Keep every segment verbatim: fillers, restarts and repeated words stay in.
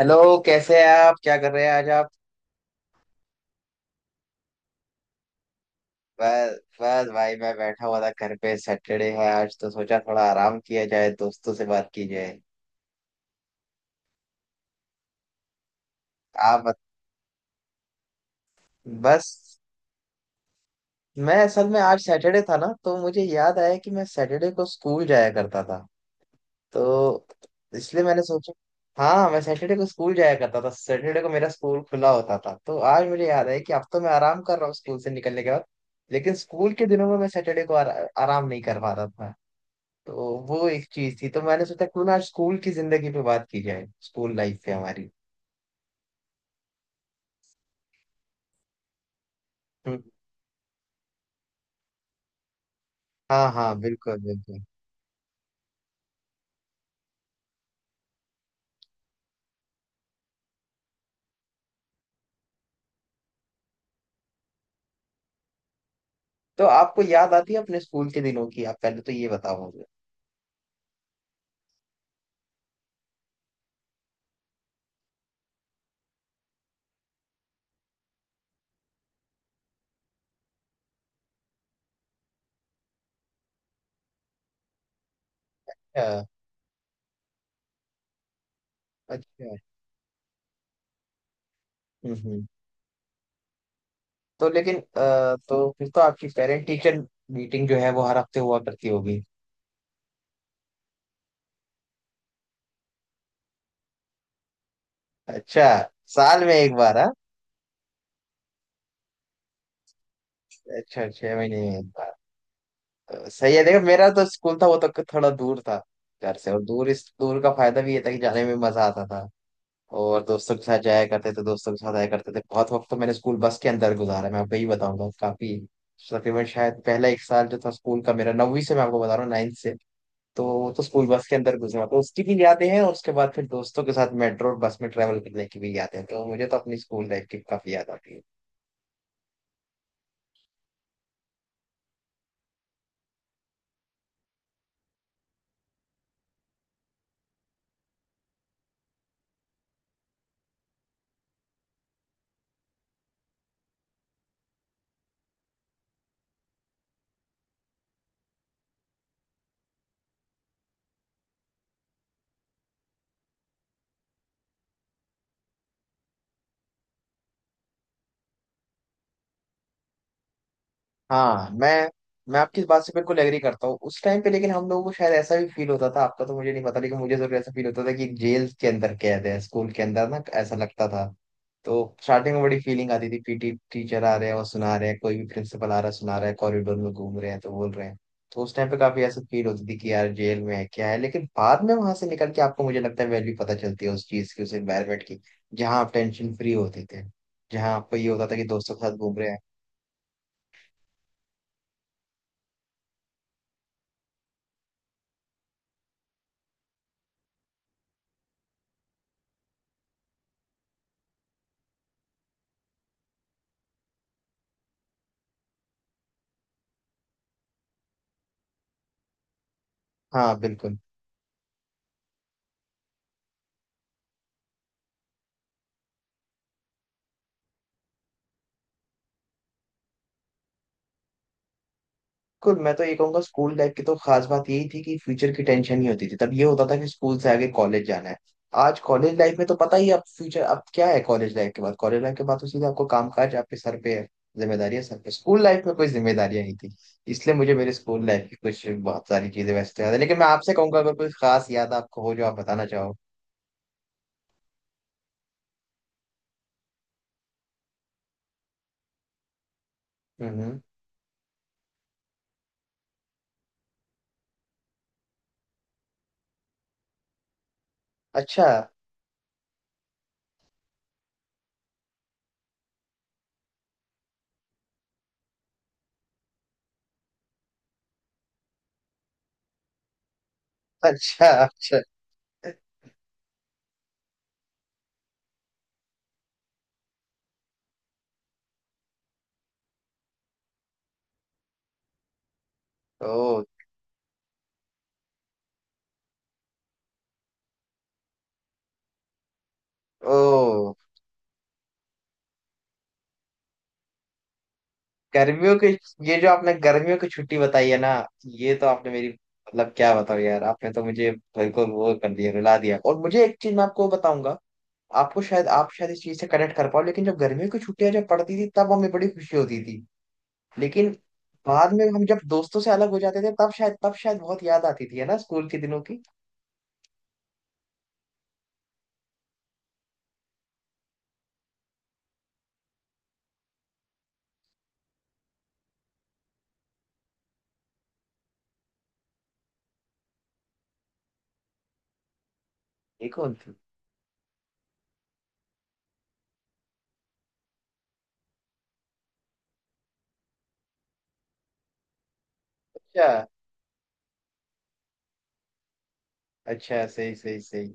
Hello. कैसे हैं आप? क्या कर रहे हैं आज आप? बस बस भाई, मैं बैठा हुआ था घर पे। सैटरडे है आज तो सोचा थोड़ा आराम किया जाए, दोस्तों से बात की जाए। आप बत-, बस, मैं असल में आज सैटरडे था ना, तो मुझे याद आया कि मैं सैटरडे को स्कूल जाया करता था। तो इसलिए मैंने सोचा, हाँ, मैं सैटरडे को स्कूल जाया करता था। सैटरडे को मेरा स्कूल खुला होता था, तो आज मुझे याद आया कि अब तो मैं आराम कर रहा हूँ स्कूल से निकलने के बाद। लेकिन स्कूल के दिनों में मैं सैटरडे को आरा, आराम नहीं कर पा रहा था। तो वो एक चीज थी, तो मैंने सोचा क्यों ना आज स्कूल की जिंदगी पे बात की जाए, स्कूल लाइफ पे हमारी। हम्म, हाँ हाँ, बिल्कुल बिल्कुल। तो आपको याद आती है अपने स्कूल के दिनों की? आप पहले तो ये बताओ मुझे। अ, अच्छा। हम्म हम्म। तो लेकिन अ, तो फिर तो आपकी पेरेंट टीचर मीटिंग जो है वो हर हफ्ते हुआ करती होगी। अच्छा, साल में एक बार, हाँ। अच्छा, छह महीने में एक बार। अ, सही है। देखो, मेरा तो स्कूल था, वो तो थोड़ा दूर था घर से। और दूर, इस दूर का फायदा भी ये था कि जाने में मजा आता था। और दोस्तों के साथ जाया करते थे, दोस्तों के साथ आया करते थे। बहुत वक्त तो मैंने स्कूल बस के अंदर गुजारा है, मैं आपको यही बताऊंगा। काफी तकरीबन शायद पहला एक साल जो था स्कूल का मेरा, नौवीं से मैं आपको बता रहा हूँ, नाइन्थ से, तो वो तो स्कूल बस के अंदर गुजरा, तो उसकी भी यादें हैं। और उसके बाद फिर दोस्तों के साथ मेट्रो और बस में ट्रेवल करने की भी यादें हैं। तो मुझे तो अपनी स्कूल लाइफ की काफी याद आती है। हाँ मैं मैं आपकी इस बात से बिल्कुल एग्री करता हूँ उस टाइम पे। लेकिन हम लोगों को शायद ऐसा भी फील होता था, आपका तो मुझे नहीं पता लेकिन मुझे जरूर ऐसा फील होता था कि जेल के अंदर कैद है, स्कूल के अंदर ना ऐसा लगता था। तो स्टार्टिंग में बड़ी फीलिंग आती थी, पीटी टीचर आ रहे हैं और सुना रहे हैं, कोई भी प्रिंसिपल आ रहा है सुना रहा है, कॉरिडोर में घूम रहे हैं तो बोल रहे हैं। तो उस टाइम पे काफी ऐसा फील होती थी कि यार जेल में है क्या है। लेकिन बाद में वहां से निकल के आपको, मुझे लगता है, वैल्यू पता चलती है उस चीज की, उस एनवायरमेंट की, जहाँ आप टेंशन फ्री होते थे, जहाँ आपको ये होता था कि दोस्तों के साथ घूम रहे हैं। हाँ बिल्कुल बिल्कुल। मैं तो ये कहूंगा स्कूल लाइफ की तो खास बात यही थी कि फ्यूचर की टेंशन नहीं होती थी। तब ये होता था कि स्कूल से आगे कॉलेज जाना है। आज कॉलेज लाइफ में तो पता ही है, अब फ्यूचर अब क्या है? कॉलेज लाइफ के बाद, कॉलेज लाइफ के बाद तो सीधा आपको काम काज आपके सर पे है, जिम्मेदारियां सर पे। स्कूल लाइफ में कोई जिम्मेदारियां नहीं थी। इसलिए मुझे मेरे स्कूल लाइफ की कुछ बहुत सारी चीजें वैसे तो याद है, लेकिन मैं आपसे कहूंगा अगर कोई खास याद आपको हो जो आप बताना चाहो। हम्म। अच्छा अच्छा अच्छा। ओ। ओ। गर्मियों के, ये जो आपने गर्मियों की छुट्टी बताई है ना, ये तो आपने मेरी, मतलब क्या बताओ यार, आपने तो मुझे बिल्कुल वो कर दिया, रुला दिया। और मुझे एक चीज, मैं आपको बताऊंगा, आपको शायद आप शायद इस चीज से कनेक्ट कर पाओ। लेकिन जब गर्मियों की छुट्टियां जब पड़ती थी तब हमें बड़ी खुशी होती थी, लेकिन बाद में हम जब दोस्तों से अलग हो जाते थे तब शायद, तब शायद बहुत याद आती थी, है ना, स्कूल के दिनों की। ये कौन थी? अच्छा, अच्छा सही सही सही।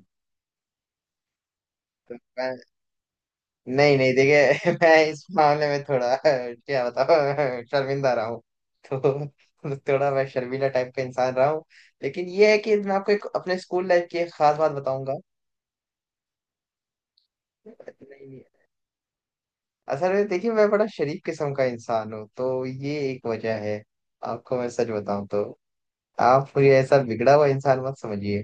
तो मैं, नहीं नहीं, देखिए, मैं इस मामले में थोड़ा क्या बताऊं शर्मिंदा रहा हूँ। तो थोड़ा मैं शर्मीला टाइप का इंसान रहा हूँ, लेकिन ये है कि मैं आपको एक अपने स्कूल लाइफ की एक खास बात बताऊंगा। नहीं नहीं, असल में देखिए, मैं बड़ा शरीफ किस्म का इंसान हूँ, तो ये एक वजह है। आपको मैं सच बताऊं तो आप मुझे ऐसा बिगड़ा हुआ इंसान मत समझिए।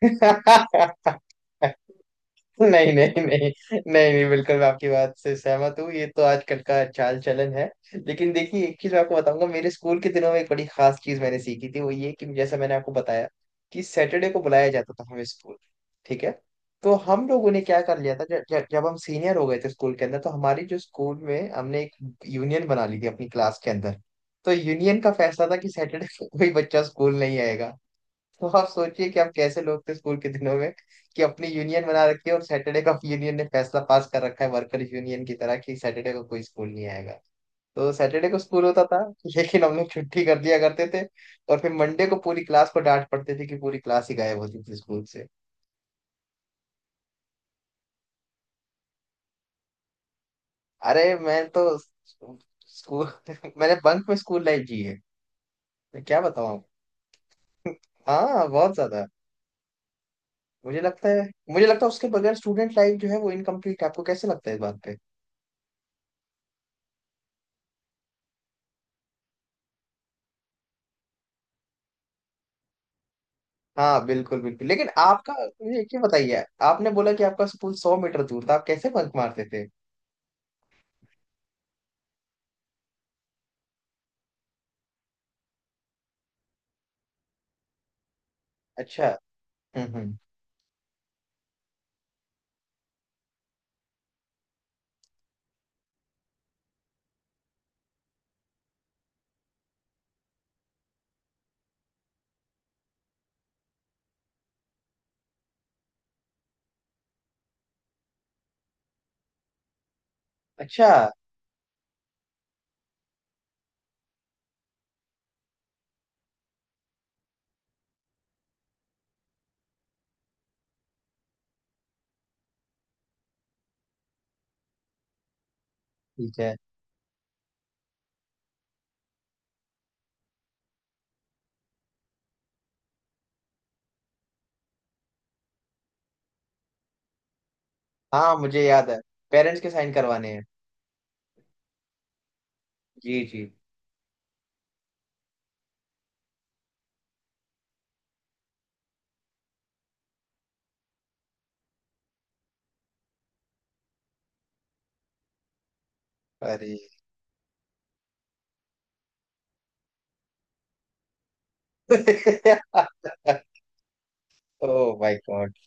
नहीं नहीं नहीं नहीं नहीं, बिल्कुल मैं आपकी बात से सहमत हूँ, ये तो आजकल का चाल चलन है। लेकिन देखिए, एक चीज मैं आपको बताऊंगा। मेरे स्कूल के दिनों में एक बड़ी खास चीज मैंने सीखी थी, वो ये कि जैसा मैंने आपको बताया कि सैटरडे को बुलाया जाता था हमें स्कूल, ठीक है? तो हम लोगों ने क्या कर लिया था, जब जब जब हम सीनियर हो गए थे स्कूल के अंदर, तो हमारी जो स्कूल में, हमने एक यूनियन बना ली थी अपनी क्लास के अंदर। तो यूनियन का फैसला था कि सैटरडे को कोई बच्चा स्कूल नहीं आएगा। तो आप सोचिए कि आप कैसे लोग थे स्कूल के दिनों में, कि अपनी यूनियन बना रखी है और सैटरडे का यूनियन ने फैसला पास कर रखा है वर्कर यूनियन की तरह, कि सैटरडे को कोई स्कूल नहीं आएगा। तो सैटरडे को स्कूल होता था लेकिन हम लोग छुट्टी कर दिया करते थे। और फिर मंडे को पूरी क्लास को डांट पड़ती थी कि पूरी क्लास ही गायब होती थी स्कूल से। अरे मैं तो, स्कूल मैंने बंक में स्कूल लाइफ जी है। मैं क्या बताऊं आपको। हाँ, बहुत ज्यादा। मुझे लगता है मुझे लगता है उसके बगैर स्टूडेंट लाइफ जो है वो इनकम्प्लीट है। आपको कैसे लगता है इस बात पे? हाँ बिल्कुल बिल्कुल। लेकिन आपका, मुझे एक चीज बताइए, आपने बोला कि आपका स्कूल सौ मीटर दूर था, आप कैसे बंक मारते थे? अच्छा। हम्म हम्म। अच्छा। ठीक है। हाँ मुझे याद है, पेरेंट्स के साइन करवाने हैं। जी जी। अरे ओ माय गॉड।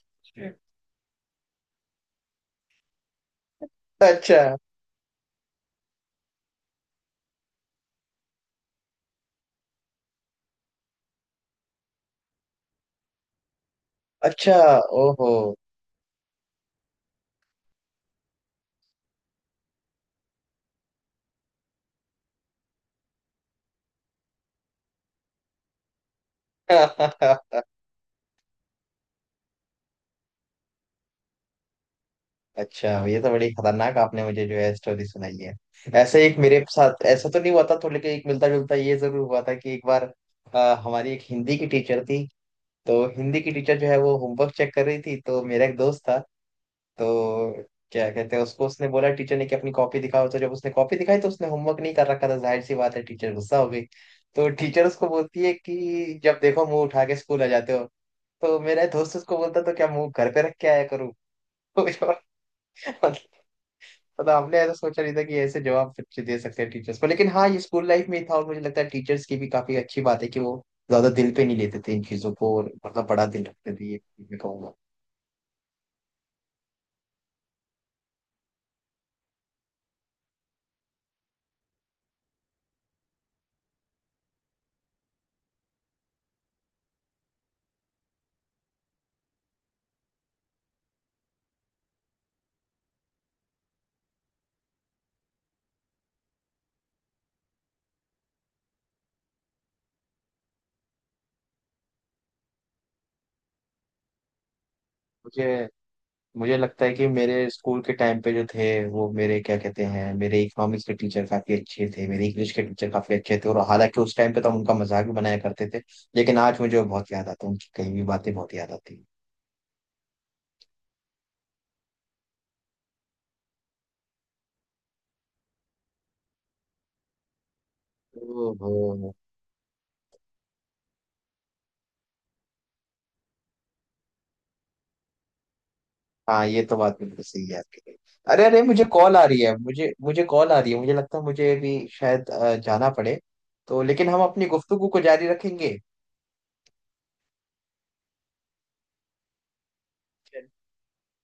अच्छा अच्छा। ओहो। अच्छा, ये तो बड़ी खतरनाक आपने मुझे जो है स्टोरी सुनाई है। ऐसे एक मेरे साथ ऐसा तो नहीं हुआ था थोड़ा, लेकिन एक मिलता जुलता ये जरूर हुआ था कि एक बार अ, हमारी एक हिंदी की टीचर थी। तो हिंदी की टीचर जो है वो होमवर्क चेक कर रही थी, तो मेरा एक दोस्त था, तो क्या कहते हैं उसको, उसने बोला, टीचर ने, कि अपनी कॉपी दिखाओ। तो जब उसने कॉपी दिखाई तो उसने होमवर्क नहीं कर रखा था, जाहिर सी बात है टीचर गुस्सा हो गई। तो टीचर उसको बोलती है कि जब देखो मुंह उठा के स्कूल आ जाते हो। तो मेरा दोस्त उसको बोलता, तो क्या मुंह घर पे रख के आया करूँ? मतलब मतलब हमने ऐसा सोचा नहीं था कि ऐसे जवाब बच्चे दे सकते हैं टीचर्स को। लेकिन हाँ, ये स्कूल लाइफ में ही था, और मुझे लगता है टीचर्स की भी काफी अच्छी बात है कि वो ज्यादा दिल पे नहीं लेते थे इन चीजों को, और मतलब बड़ा दिल रखते थे, ये मैं कहूंगा। मुझे मुझे लगता है कि मेरे स्कूल के टाइम पे जो थे, वो मेरे, क्या कहते हैं, मेरे इकोनॉमिक्स के टीचर काफी अच्छे थे, मेरे इंग्लिश के टीचर काफी अच्छे थे। और हालांकि उस टाइम पे तो हम उनका मजाक भी बनाया करते थे, लेकिन आज मुझे वो बहुत याद आता है, उनकी कही हुई बातें बहुत याद आती हैं। ओहो। हाँ, ये तो बात बिल्कुल सही है आपकी। अरे अरे, मुझे कॉल आ रही है, मुझे मुझे कॉल आ रही है, मुझे लगता है मुझे भी शायद अ, जाना पड़े। तो लेकिन हम अपनी गुफ्तगू को जारी रखेंगे।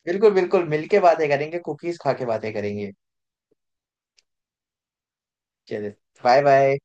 बिल्कुल बिल्कुल, मिलके बातें करेंगे, कुकीज खा के बातें करेंगे। चलिए, बाय बाय।